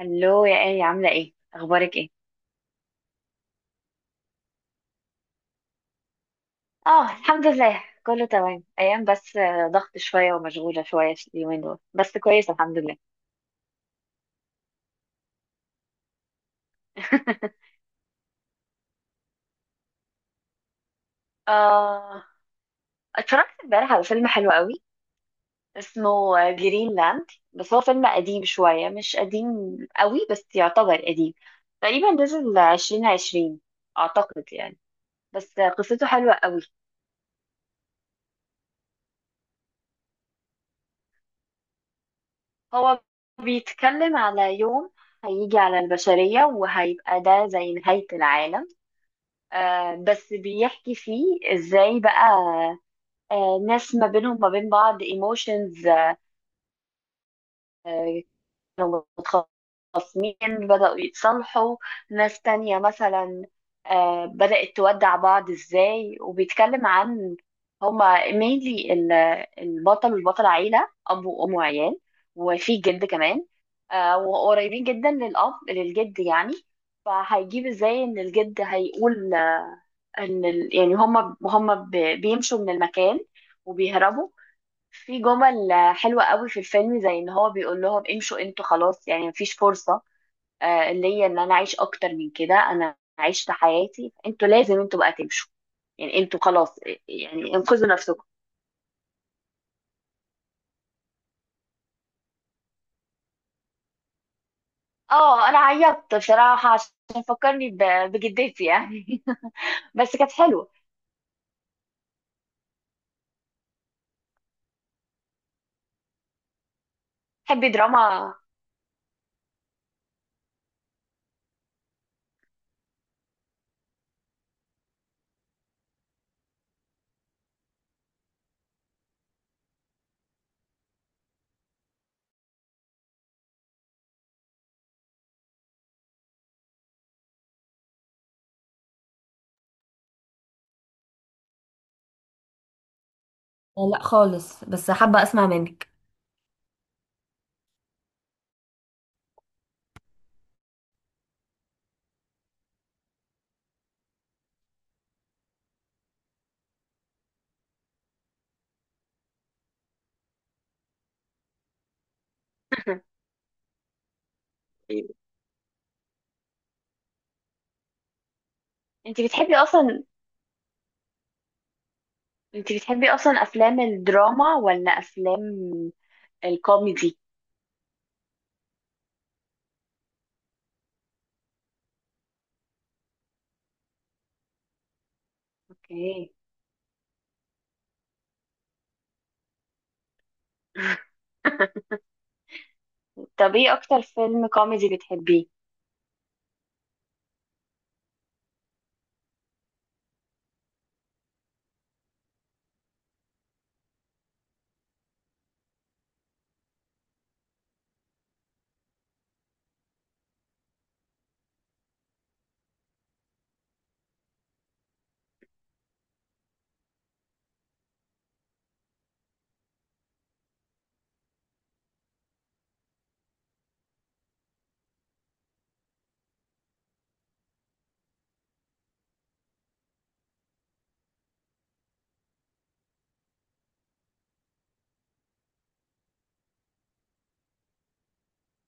الو، يا ايه عامله ايه اخبارك ايه؟ اه الحمد لله كله تمام ايام، بس ضغط شويه ومشغوله شويه في اليومين دول، بس كويس الحمد لله. آه، اتفرجت امبارح على فيلم حلو قوي اسمه جرينلاند. بس هو فيلم قديم شوية، مش قديم قوي بس يعتبر قديم. تقريبا نزل عشرين عشرين، أعتقد يعني. بس قصته حلوة قوي. هو بيتكلم على يوم هيجي على البشرية، وهيبقى ده زي نهاية العالم. بس بيحكي فيه ازاي بقى ناس ما بينهم ما بين بعض ايموشنز، كانوا متخاصمين بدأوا يتصالحوا. ناس تانية مثلا بدأت تودع بعض ازاي. وبيتكلم عن، هما مينلي، البطل والبطلة، عيلة أب وأم وعيال، وفي جد كمان. وقريبين جدا للأب، للجد يعني. فهيجيب ازاي ان الجد هيقول ان ال... يعني هم ب... بيمشوا من المكان وبيهربوا. في جمل حلوة قوي في الفيلم، زي ان هو بيقول لهم امشوا انتوا خلاص، يعني مفيش فرصة ليا ان انا اعيش اكتر من كده. انا عشت حياتي، انتوا لازم بقى تمشوا. يعني انتوا خلاص يعني انقذوا نفسكم. اه انا عيطت بصراحة، عشان فكرني ب... بجدتي يعني. بس كانت حلوة. تحبي دراما؟ لا خالص، بس حابة اسمع منك. انت بتحبي اصلا، انت بتحبي اصلا افلام الدراما ولا افلام الكوميدي؟ اوكي. طب ايه اكتر فيلم كوميدي بتحبيه؟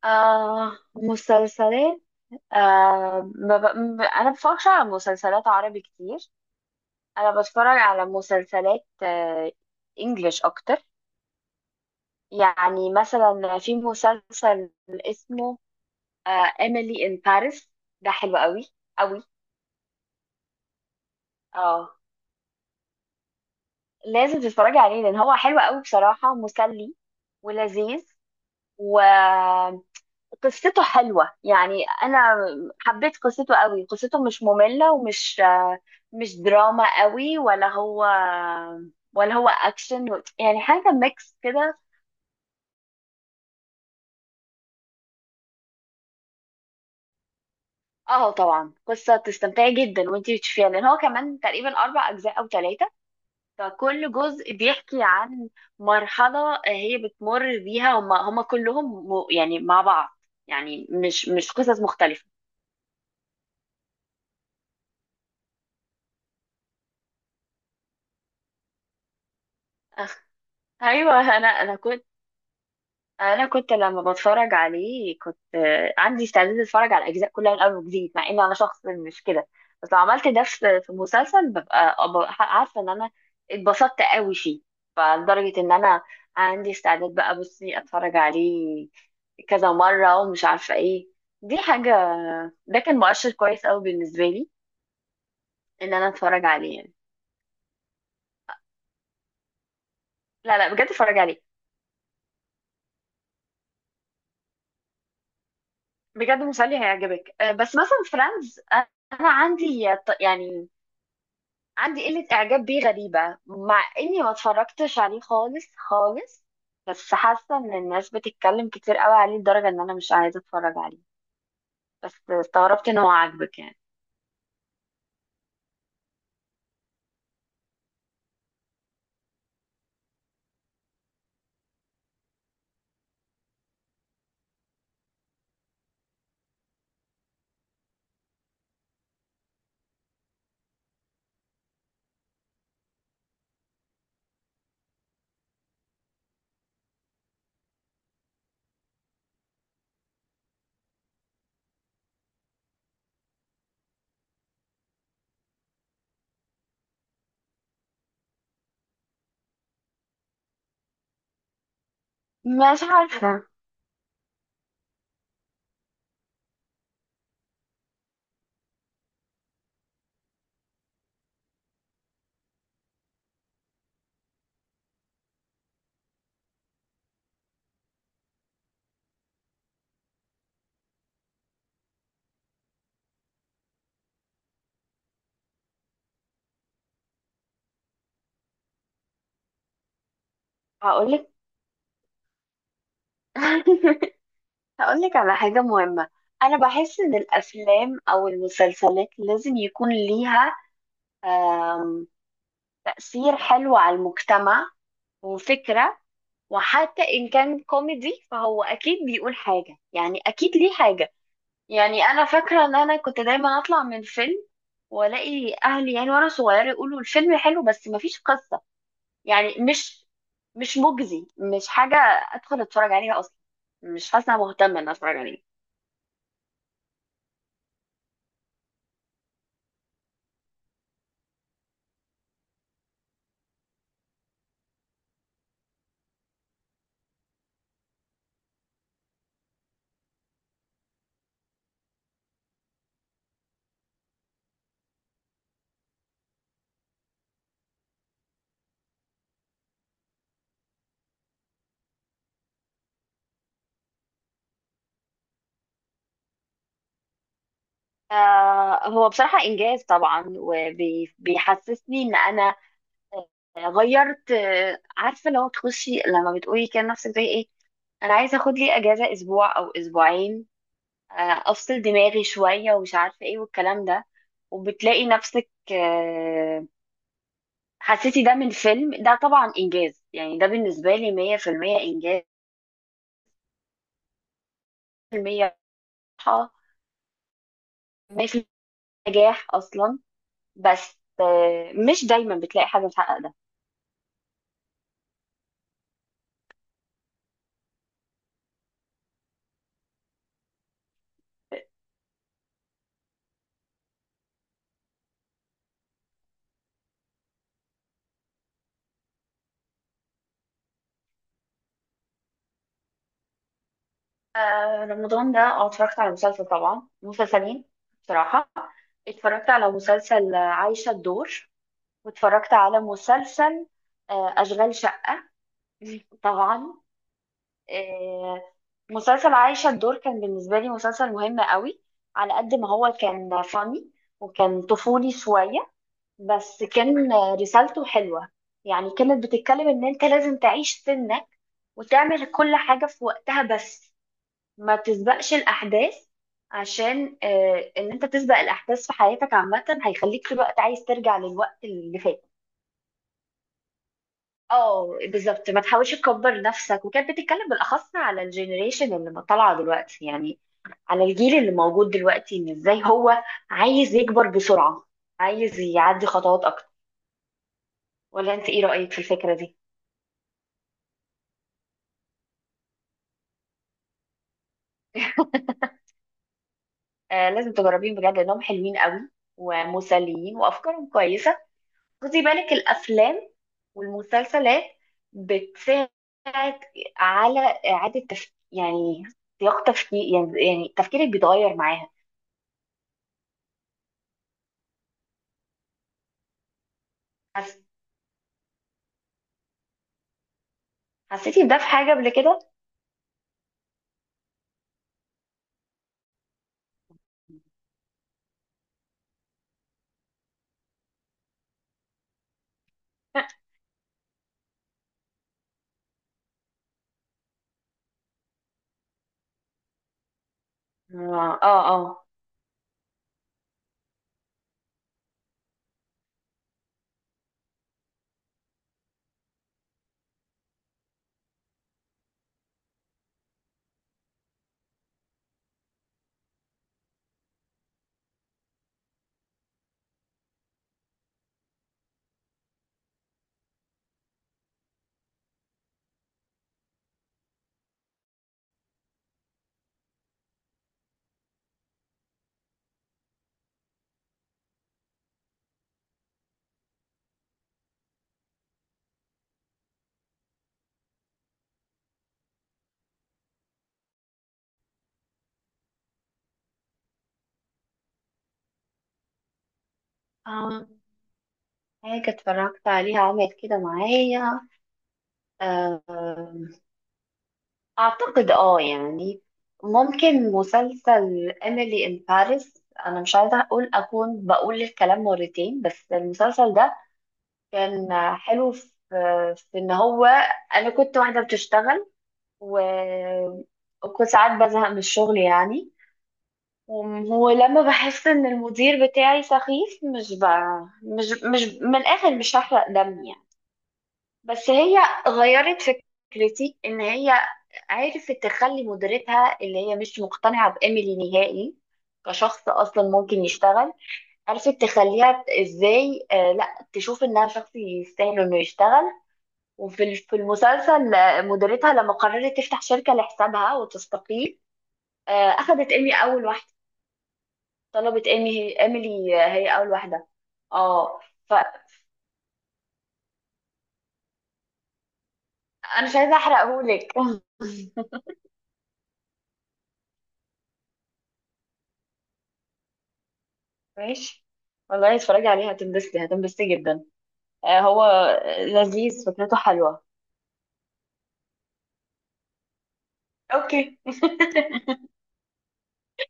آه، مسلسلات. آه، ما ب... م- انا بفرجش على مسلسلات عربي كتير. انا بتفرج على مسلسلات آه، انجليش اكتر. يعني مثلا في مسلسل اسمه آه Emily in Paris. ده حلو قوي قوي. اه لازم تتفرجي عليه، لان هو حلو قوي بصراحه، مسلي ولذيذ. وقصته حلوه يعني. انا حبيت قصته قوي. قصته مش ممله ومش مش دراما قوي، ولا هو، ولا هو اكشن، يعني حاجه ميكس كده. اه طبعا قصه تستمتعي جدا وانتي بتشوفيها، لان هو كمان تقريبا اربع اجزاء او ثلاثه. فكل جزء بيحكي عن مرحلة هي بتمر بيها، هم كلهم م- يعني مع بعض. يعني مش قصص مختلفة. ايوه. انا كنت، انا كنت لما بتفرج عليه كنت عندي استعداد اتفرج على الاجزاء كلها من اول وجديد، مع ان انا شخص مش كده. بس لو عملت ده في مسلسل ببقى أبقى عارفه ان انا اتبسطت قوي فيه. فلدرجه ان انا عندي استعداد بقى، بصي، اتفرج عليه كذا مره ومش عارفه ايه. دي حاجه، ده كان مؤشر كويس قوي بالنسبه لي ان انا اتفرج عليه يعني. لا لا بجد اتفرج عليه، بجد مسلي هيعجبك. بس مثلا فريندز، انا عندي ط- يعني عندي قلة إعجاب بيه غريبة، مع إني ما اتفرجتش عليه خالص خالص. بس حاسة إن الناس بتتكلم كتير قوي عليه لدرجة إن أنا مش عايزة أتفرج عليه. بس استغربت إن هو عاجبك يعني. مش عارفة. هقولك، هقولك على حاجة مهمة. أنا بحس إن الأفلام أو المسلسلات لازم يكون ليها آم، تأثير حلو على المجتمع وفكرة. وحتى إن كان كوميدي فهو أكيد بيقول حاجة، يعني أكيد ليه حاجة. يعني انا فاكره ان انا كنت دايما اطلع من فيلم والاقي اهلي، يعني وانا صغيره، يقولوا الفيلم حلو بس مفيش قصه. يعني مش مجزي، مش حاجه ادخل اتفرج عليها اصلا. مش حاسه أنا مهتمه ان اتفرج عليه. آه هو بصراحه انجاز طبعا، وبيحسسني ان انا غيرت. عارفه لو تخشي لما بتقولي كده نفسك زي ايه، انا عايزه اخد لي اجازه اسبوع او اسبوعين، افصل دماغي شويه ومش عارفه ايه والكلام ده، وبتلاقي نفسك حسيتي ده من فيلم، ده طبعا انجاز. يعني ده بالنسبه لي 100% انجاز، 100% راحه، 100% نجاح اصلا. بس مش دايما بتلاقي حاجه تحقق ده. رمضان ده اه اتفرجت على مسلسل، طبعا مسلسلين بصراحة. اتفرجت على مسلسل عايشة الدور، واتفرجت على مسلسل أشغال شقة. طبعا. آه، مسلسل عايشة الدور كان بالنسبة لي مسلسل مهم قوي. على قد ما هو كان فاني وكان طفولي شوية، بس كان رسالته حلوة. يعني كانت بتتكلم ان انت لازم تعيش سنك وتعمل كل حاجة في وقتها، بس ما تسبقش الأحداث. عشان ان انت تسبق الأحداث في حياتك عامة هيخليك في الوقت عايز ترجع للوقت اللي فات. اه بالظبط، ما تحاولش تكبر نفسك. وكانت بتتكلم بالاخص على الجنريشن اللي طالعه دلوقتي، يعني على الجيل اللي موجود دلوقتي، ان ازاي هو عايز يكبر بسرعه، عايز يعدي خطوات اكتر. ولا انت ايه رايك في الفكره دي؟ آه لازم تجربين بجد، لانهم حلوين قوي ومسليين وافكارهم كويسه. خدي بالك، الافلام والمسلسلات بتساعد على اعاده تفكير يعني، سياق تفكير يعني، يعني تفكيرك بيتغير معاها. حسيتي بده في حاجة قبل كده؟ لا اه اه اه آه. حاجة اتفرجت عليها عملت كده معايا، آه، أعتقد اه يعني، ممكن مسلسل إيميلي إن باريس. أنا مش عايزة أقول، أكون بقول الكلام مرتين، بس المسلسل ده كان حلو في، في إن هو، أنا كنت واحدة بتشتغل و... وكنت ساعات بزهق من الشغل يعني. ولما بحس ان المدير بتاعي سخيف، مش ب... مش من الاخر مش هحرق دم يعني. بس هي غيرت فكرتي، ان هي عرفت تخلي مديرتها، اللي هي مش مقتنعة بإيميلي نهائي كشخص اصلا ممكن يشتغل، عرفت تخليها ازاي آه لا، تشوف انها شخص يستاهل انه يشتغل. في المسلسل مديرتها لما قررت تفتح شركة لحسابها وتستقيل اخذت ايمي اول واحدة، طلبت ايمي، هي ايميلي، هي اول واحده. اه فانا مش عايزه احرقهولك. ماشي. والله اتفرجي عليه هتنبسطي، هتنبسطي جدا. هو لذيذ فكرته حلوه. اوكي.